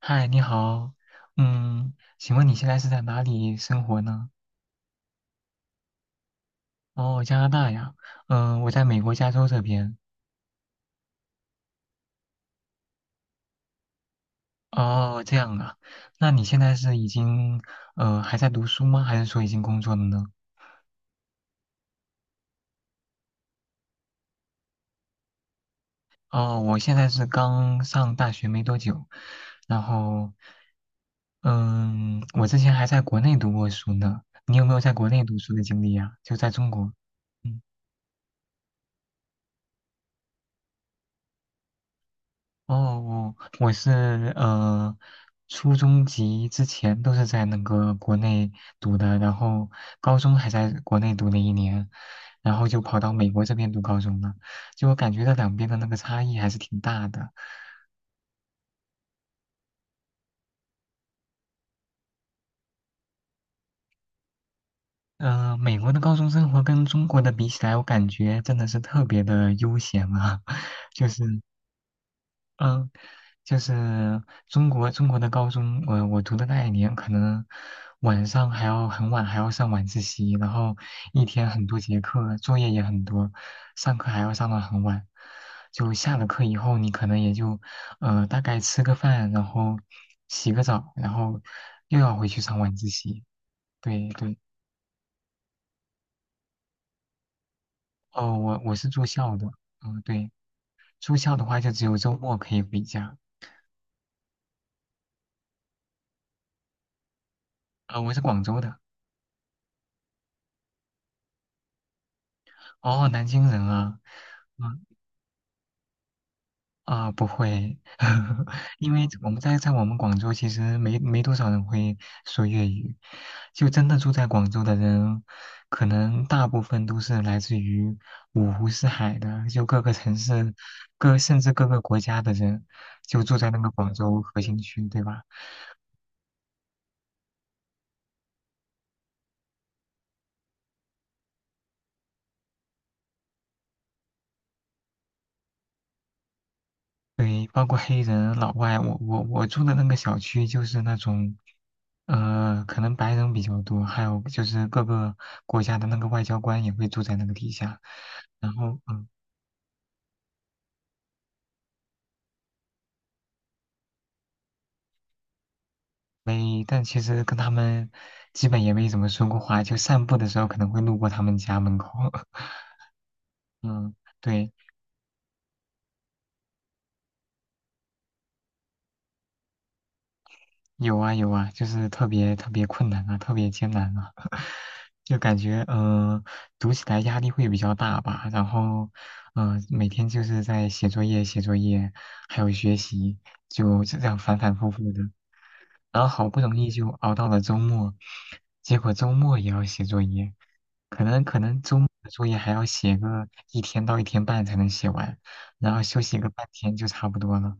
嗨，你好，请问你现在是在哪里生活呢？哦，加拿大呀，我在美国加州这边。哦，这样啊，那你现在是已经还在读书吗？还是说已经工作了呢？哦，我现在是刚上大学没多久，然后嗯，我之前还在国内读过书呢。你有没有在国内读书的经历呀？就在中国。嗯。哦，哦我是呃，初中级之前都是在那个国内读的，然后高中还在国内读了一年，然后就跑到美国这边读高中了。就我感觉到两边的那个差异还是挺大的。美国的高中生活跟中国的比起来，我感觉真的是特别的悠闲啊，就是嗯，就是中国的高中，我读的那一年，可能晚上还要很晚，还要上晚自习，然后一天很多节课，作业也很多，上课还要上到很晚。就下了课以后，你可能也就大概吃个饭，然后洗个澡，然后又要回去上晚自习。对对，哦，我是住校的，嗯，对，住校的话就只有周末可以回家。我是广州的，哦，南京人啊。嗯，啊，不会，因为我们在我们广州其实没多少人会说粤语，就真的住在广州的人，可能大部分都是来自于五湖四海的，就各个城市、甚至各个国家的人，就住在那个广州核心区，对吧？对，包括黑人、老外，我住的那个小区就是那种，可能白人比较多，还有就是各个国家的那个外交官也会住在那个底下，然后没，但其实跟他们基本也没怎么说过话，就散步的时候可能会路过他们家门口，嗯，对，有啊有啊，就是特别特别困难啊，特别艰难啊，就感觉读起来压力会比较大吧。然后每天就是在写作业、写作业，还有学习，就这样反反复复的。然后好不容易就熬到了周末，结果周末也要写作业，可能周末的作业还要写个一天到一天半才能写完，然后休息个半天就差不多了。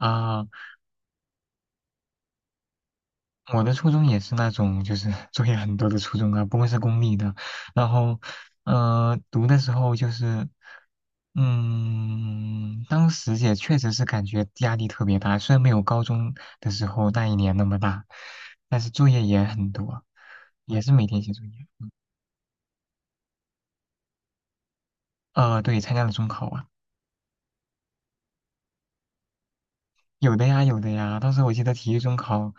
啊、我的初中也是那种就是 作业很多的初中啊，不过是公立的。然后，读的时候就是，当时也确实是感觉压力特别大，虽然没有高中的时候那一年那么大，但是作业也很多，也是每天写作业。对，参加了中考啊，有的呀，有的呀。当时我记得体育中考，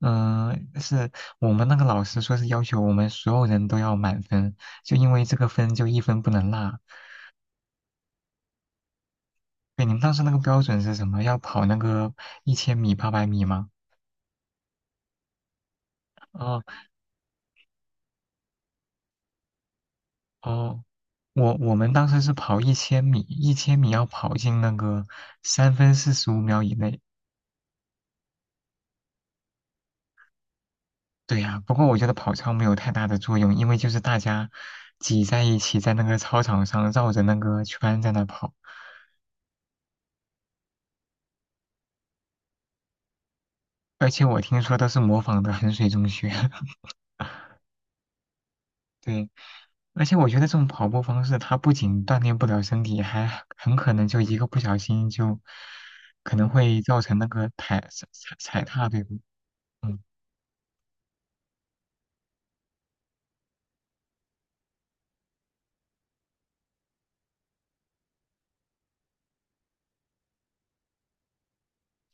是我们那个老师说是要求我们所有人都要满分，就因为这个分就一分不能落。对，你们当时那个标准是什么？要跑那个一千米、800米吗？哦哦，我们当时是跑一千米，一千米要跑进那个三分四十五秒以内。对呀，不过我觉得跑操没有太大的作用，因为就是大家挤在一起，在那个操场上绕着那个圈在那跑，而且我听说都是模仿的衡水中学。对，而且我觉得这种跑步方式，它不仅锻炼不了身体，还很可能就一个不小心就可能会造成那个踩踏，对不？嗯，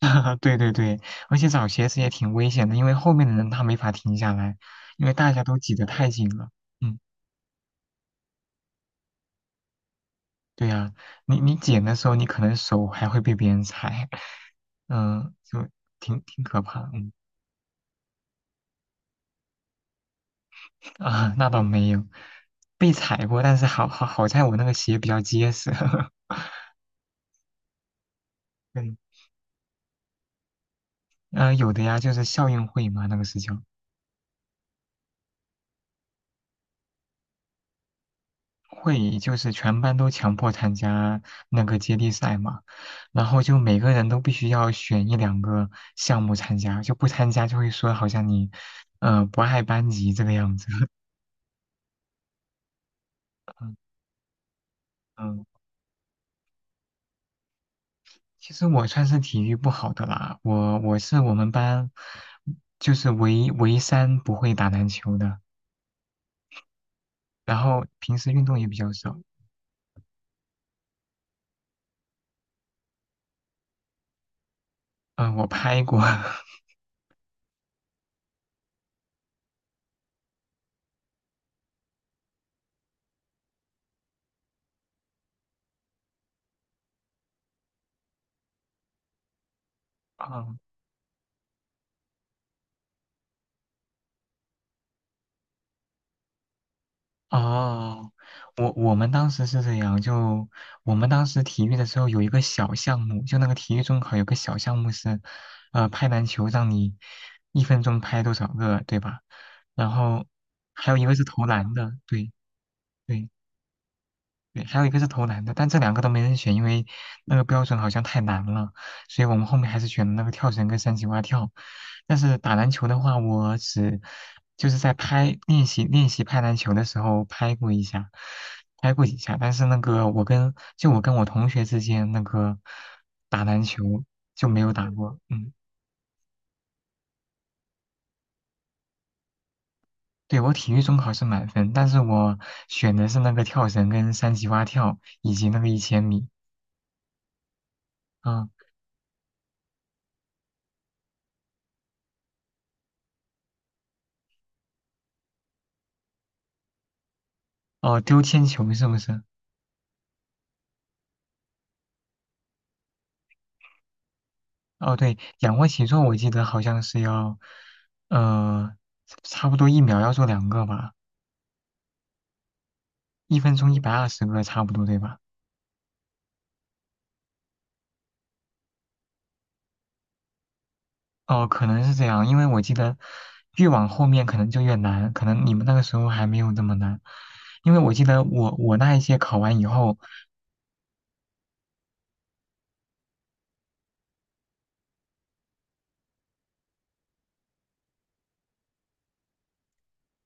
对对对，而且找鞋子也挺危险的，因为后面的人他没法停下来，因为大家都挤得太紧了。嗯，对呀，你捡的时候，你可能手还会被别人踩，嗯，就挺可怕。嗯。啊，那倒没有，被踩过，但是好在我那个鞋比较结实。嗯，有的呀，就是校运会嘛，那个是叫会，就是全班都强迫参加那个接力赛嘛，然后就每个人都必须要选一两个项目参加，就不参加就会说好像你，不爱班级这个样子。嗯，嗯其实我算是体育不好的啦，我是我们班就是唯三不会打篮球的。然后平时运动也比较少。嗯，我拍过。哦哦，我们当时是这样，就我们当时体育的时候有一个小项目，就那个体育中考有个小项目是，拍篮球，让你一分钟拍多少个，对吧？然后还有一个是投篮的，对对。对，还有一个是投篮的，但这两个都没人选，因为那个标准好像太难了，所以我们后面还是选了那个跳绳跟三级蛙跳。但是打篮球的话，我只就是在拍练习练习拍篮球的时候拍过一下，拍过几下。但是那个我跟我同学之间那个打篮球就没有打过。嗯，对，我体育中考是满分，但是我选的是那个跳绳跟三级蛙跳以及那个一千米。嗯，哦，丢铅球是不是？哦，对，仰卧起坐我记得好像是要，呃，差不多一秒要做两个吧，一分钟120个差不多对吧？哦，可能是这样，因为我记得越往后面可能就越难，可能你们那个时候还没有这么难，因为我记得我那一届考完以后，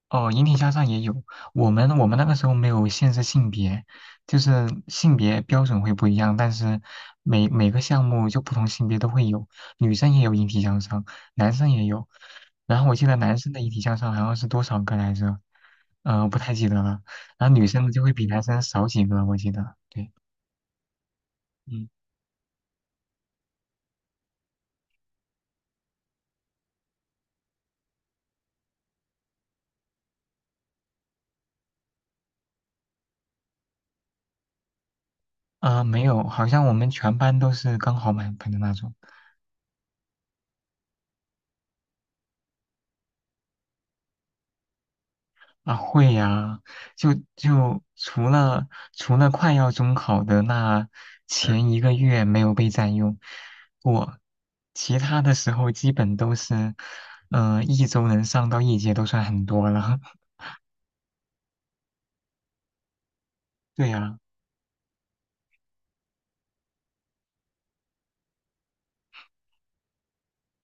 哦，引体向上也有。我们那个时候没有限制性别，就是性别标准会不一样，但是每个项目就不同性别都会有，女生也有引体向上，男生也有。然后我记得男生的引体向上好像是多少个来着？不太记得了。然后女生的就会比男生少几个，我记得。对，嗯，没有，好像我们全班都是刚好满分的那种。啊，会呀，就除了快要中考的那前一个月没有被占用过，我其他的时候基本都是，一周能上到一节都算很多了。对呀。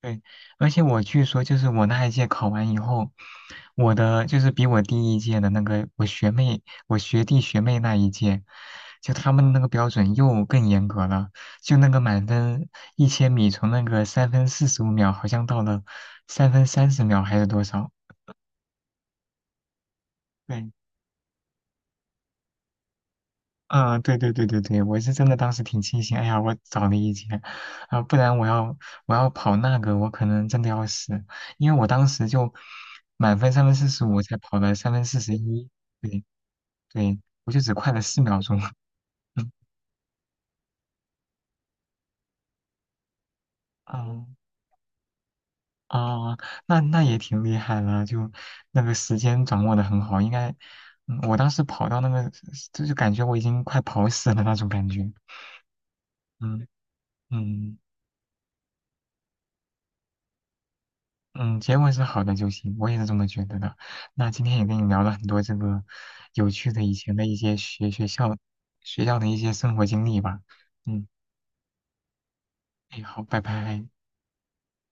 对，而且我据说就是我那一届考完以后，我的就是比我第一届的那个我学妹、我学弟学妹那一届，就他们那个标准又更严格了，就那个满分一千米从那个三分四十五秒好像到了3分30秒还是多少？对，啊，对对对对对，我是真的当时挺庆幸，哎呀，我早了一截，啊、不然我要跑那个，我可能真的要死，因为我当时就满分三分四十五才跑了3分41，对对，我就只快了4秒钟，嗯啊，哦，那也挺厉害了，就那个时间掌握的很好，应该，我当时跑到那个，就是感觉我已经快跑死了那种感觉，嗯嗯。嗯，结果是好的就行，我也是这么觉得的。那今天也跟你聊了很多这个有趣的以前的一些学校的一些生活经历吧。嗯，哎，好，拜拜。